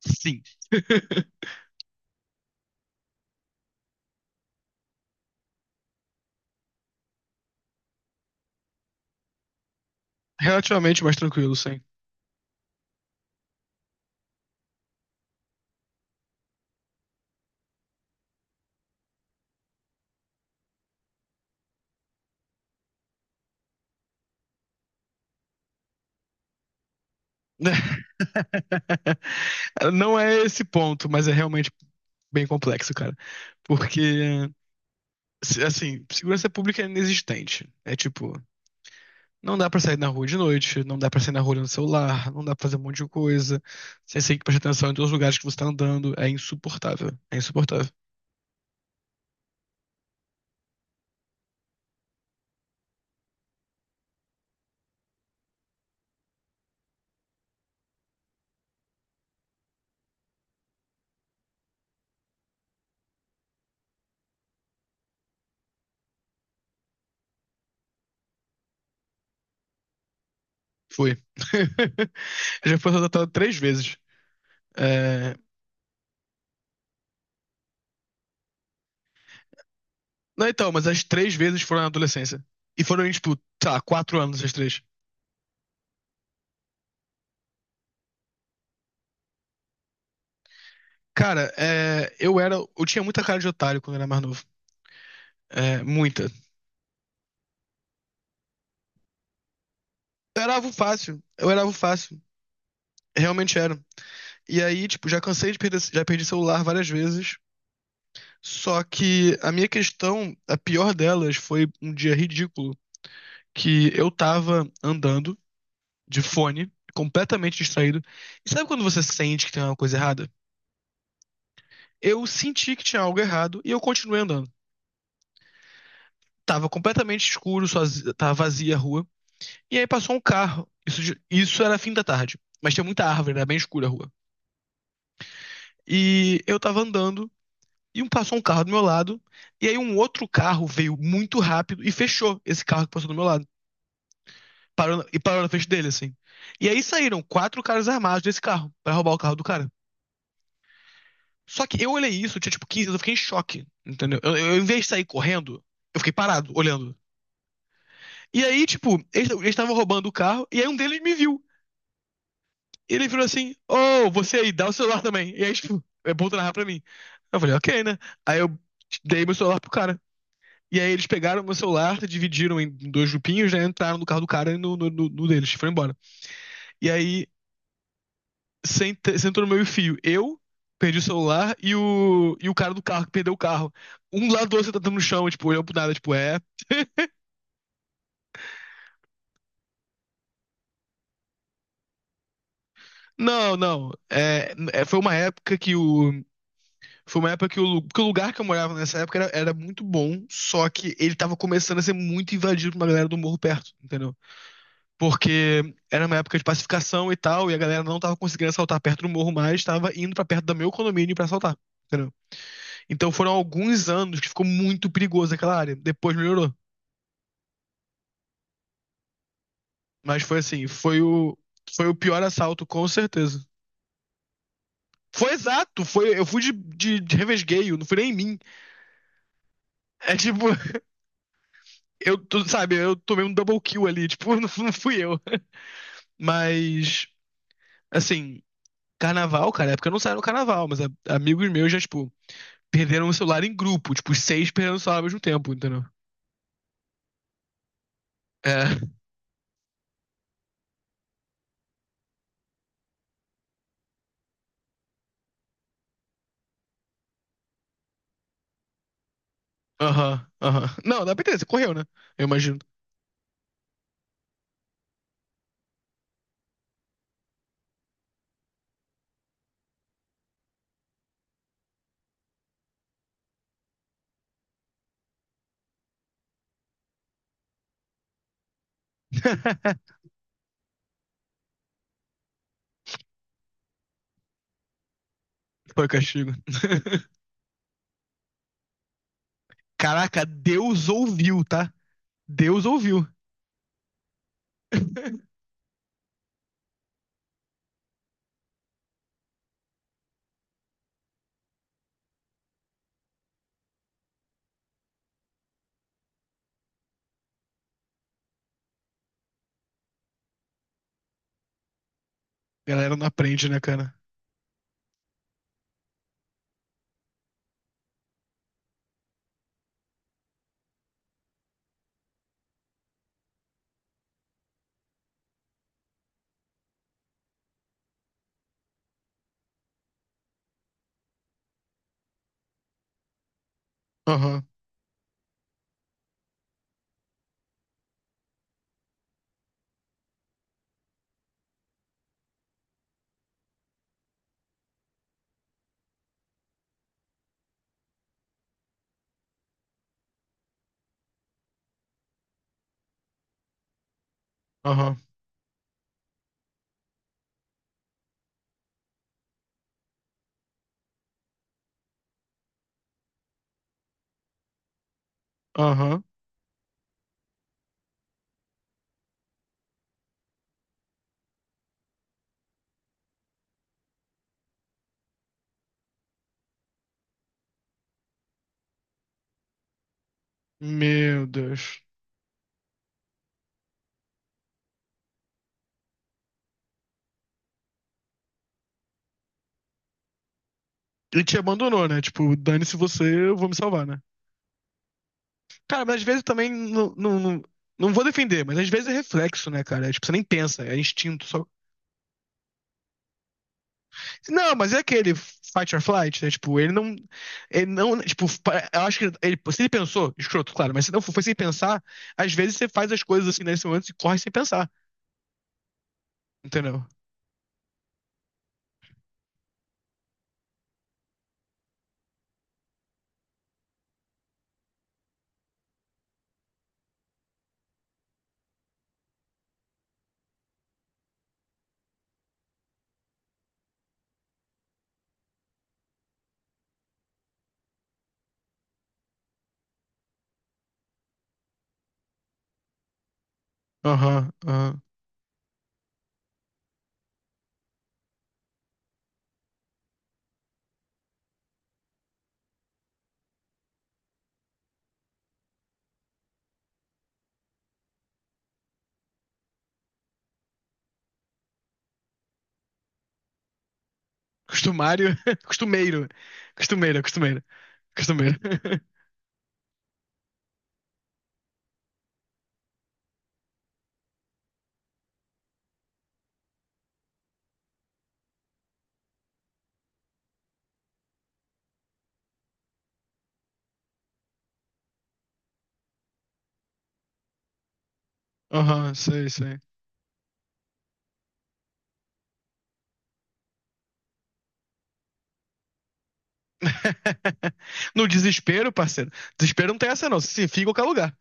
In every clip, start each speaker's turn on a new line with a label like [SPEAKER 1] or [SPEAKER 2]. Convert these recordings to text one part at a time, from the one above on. [SPEAKER 1] Sim. Relativamente mais tranquilo, sim. Não é esse ponto, mas é realmente bem complexo, cara. Porque, assim, segurança pública é inexistente. É tipo, não dá pra sair na rua de noite, não dá pra sair na rua no celular, não dá pra fazer um monte de coisa. Você tem que prestar atenção em todos os lugares que você tá andando. É insuportável. É insuportável. Foi. Já foi assaltado três vezes. É, Não, então, mas as três vezes foram na adolescência. E foram, tipo, sei lá, 4 anos as três. Cara, é, eu era. Eu tinha muita cara de otário quando eu era mais novo. É, muita. Eu era alvo fácil. Eu era alvo fácil. Realmente era. E aí, tipo, já cansei de perder. Já perdi celular várias vezes. Só que a minha questão, a pior delas, foi um dia ridículo que eu tava andando de fone, completamente distraído. E sabe quando você sente que tem alguma coisa errada? Eu senti que tinha algo errado e eu continuei andando. Tava completamente escuro, sozinho, tava vazia a rua. E aí passou um carro. Isso era fim da tarde. Mas tinha muita árvore, era bem escura a rua. E eu tava andando e passou um carro do meu lado. E aí um outro carro veio muito rápido e fechou esse carro que passou do meu lado. Parou, e parou na frente dele, assim. E aí saíram quatro caras armados desse carro pra roubar o carro do cara. Só que eu olhei isso, eu tinha tipo 15, eu fiquei em choque, entendeu? Eu, em vez de sair correndo, eu fiquei parado, olhando. E aí, tipo, eles estavam roubando o carro, e aí um deles me viu. E ele virou assim: Oh, você aí, dá o celular também. E aí, tipo, é bom tu narrar pra mim. Eu falei: Ok, né? Aí eu dei meu celular pro cara. E aí eles pegaram meu celular, dividiram em dois grupinhos, né? Entraram no carro do cara e no deles, foram embora. E aí sentou no meu fio. Eu perdi o celular e o cara do carro que perdeu o carro. Um do lado do outro sentado no chão, tipo, olhando pro nada, tipo, é. Não, não. É, foi uma época que o, Foi uma época que o, que o lugar que eu morava nessa época era muito bom, só que ele tava começando a ser muito invadido por uma galera do morro perto, entendeu? Porque era uma época de pacificação e tal, e a galera não tava conseguindo assaltar perto do morro mais, tava indo pra perto do meu condomínio pra assaltar, entendeu? Então foram alguns anos que ficou muito perigoso aquela área. Depois melhorou. Mas foi assim, foi o pior assalto, com certeza. Foi exato, foi, eu fui de revesgueio, não fui nem em mim. É tipo, eu, tu, sabe, eu tomei um double kill ali, tipo, não, não fui eu. Mas, assim, carnaval, cara, é porque eu não saio no carnaval, mas amigos meus já, tipo, perderam o celular em grupo, tipo, os seis perderam o celular ao mesmo tempo, entendeu? É, aham, aham. Não, dá pra entender, você correu, né? Eu imagino. Foi castigo. Caraca, Deus ouviu, tá? Deus ouviu. Galera não aprende, né, cara? Aham, aham, aham. Meu Deus. E te abandonou, né? Tipo, dane-se você, eu vou me salvar, né? Cara, mas às vezes também não, não, não, não vou defender, mas às vezes é reflexo, né, cara? É, tipo, você nem pensa, é instinto só. Não, mas é aquele fight or flight, né? Tipo, ele não. Ele não. Tipo, eu acho que ele, se ele pensou, escroto, claro, mas se não foi sem pensar, às vezes você faz as coisas assim nesse momento e corre sem pensar, entendeu? Aham, aham. Costumário, costumeiro. Costumeiro, costumeiro. Costumeiro. Aham, sei, sei. No desespero, parceiro. Desespero não tem essa, não. Você se enfia em qualquer lugar.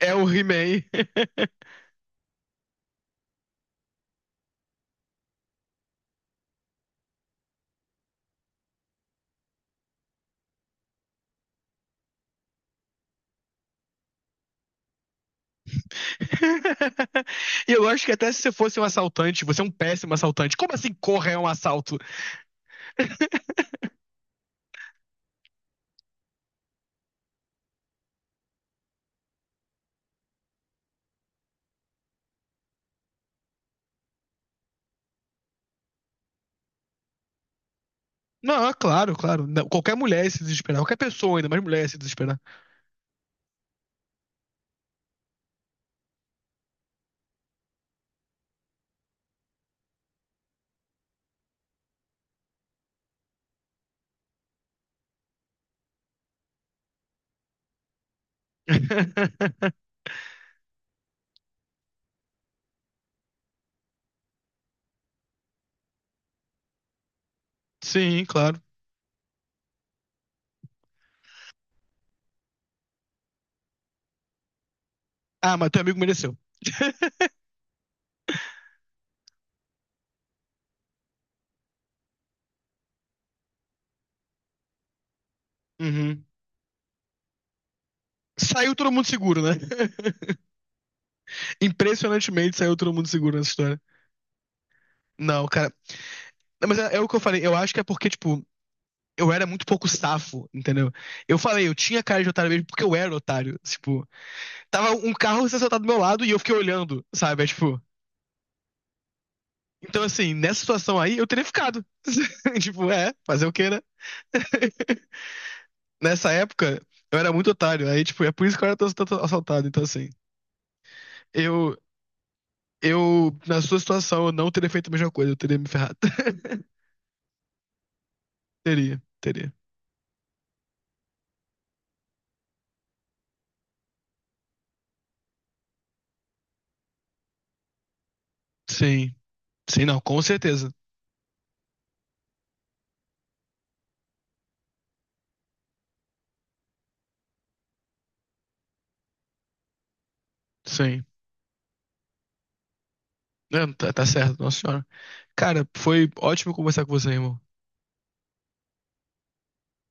[SPEAKER 1] É o He-Man. E eu acho que até se você fosse um assaltante, você é um péssimo assaltante. Como assim corra é um assalto? Não, é claro, claro. Não, qualquer mulher ia se desesperar. Qualquer pessoa, ainda mais mulher, ia se desesperar. Sim, claro. Ah, mas teu amigo mereceu. Uhum. Saiu todo mundo seguro, né? Impressionantemente saiu todo mundo seguro nessa história. Não, cara. Não, mas é, é o que eu falei. Eu acho que é porque, tipo, eu era muito pouco safo, entendeu? Eu falei, eu tinha cara de otário mesmo porque eu era otário. Tipo, tava um carro se assaltar do meu lado e eu fiquei olhando, sabe? É, tipo. Então, assim, nessa situação aí, eu teria ficado. Tipo, é, fazer o quê, né? Nessa época, eu era muito otário. Aí, tipo, é por isso que eu era tanto assaltado. Então, assim, eu, eu, na sua situação, eu não teria feito a mesma coisa. Eu teria me ferrado. Teria, teria. Sim. Sim, não, com certeza. Sim. Não, tá, tá certo, nossa senhora. Cara, foi ótimo conversar com você, irmão.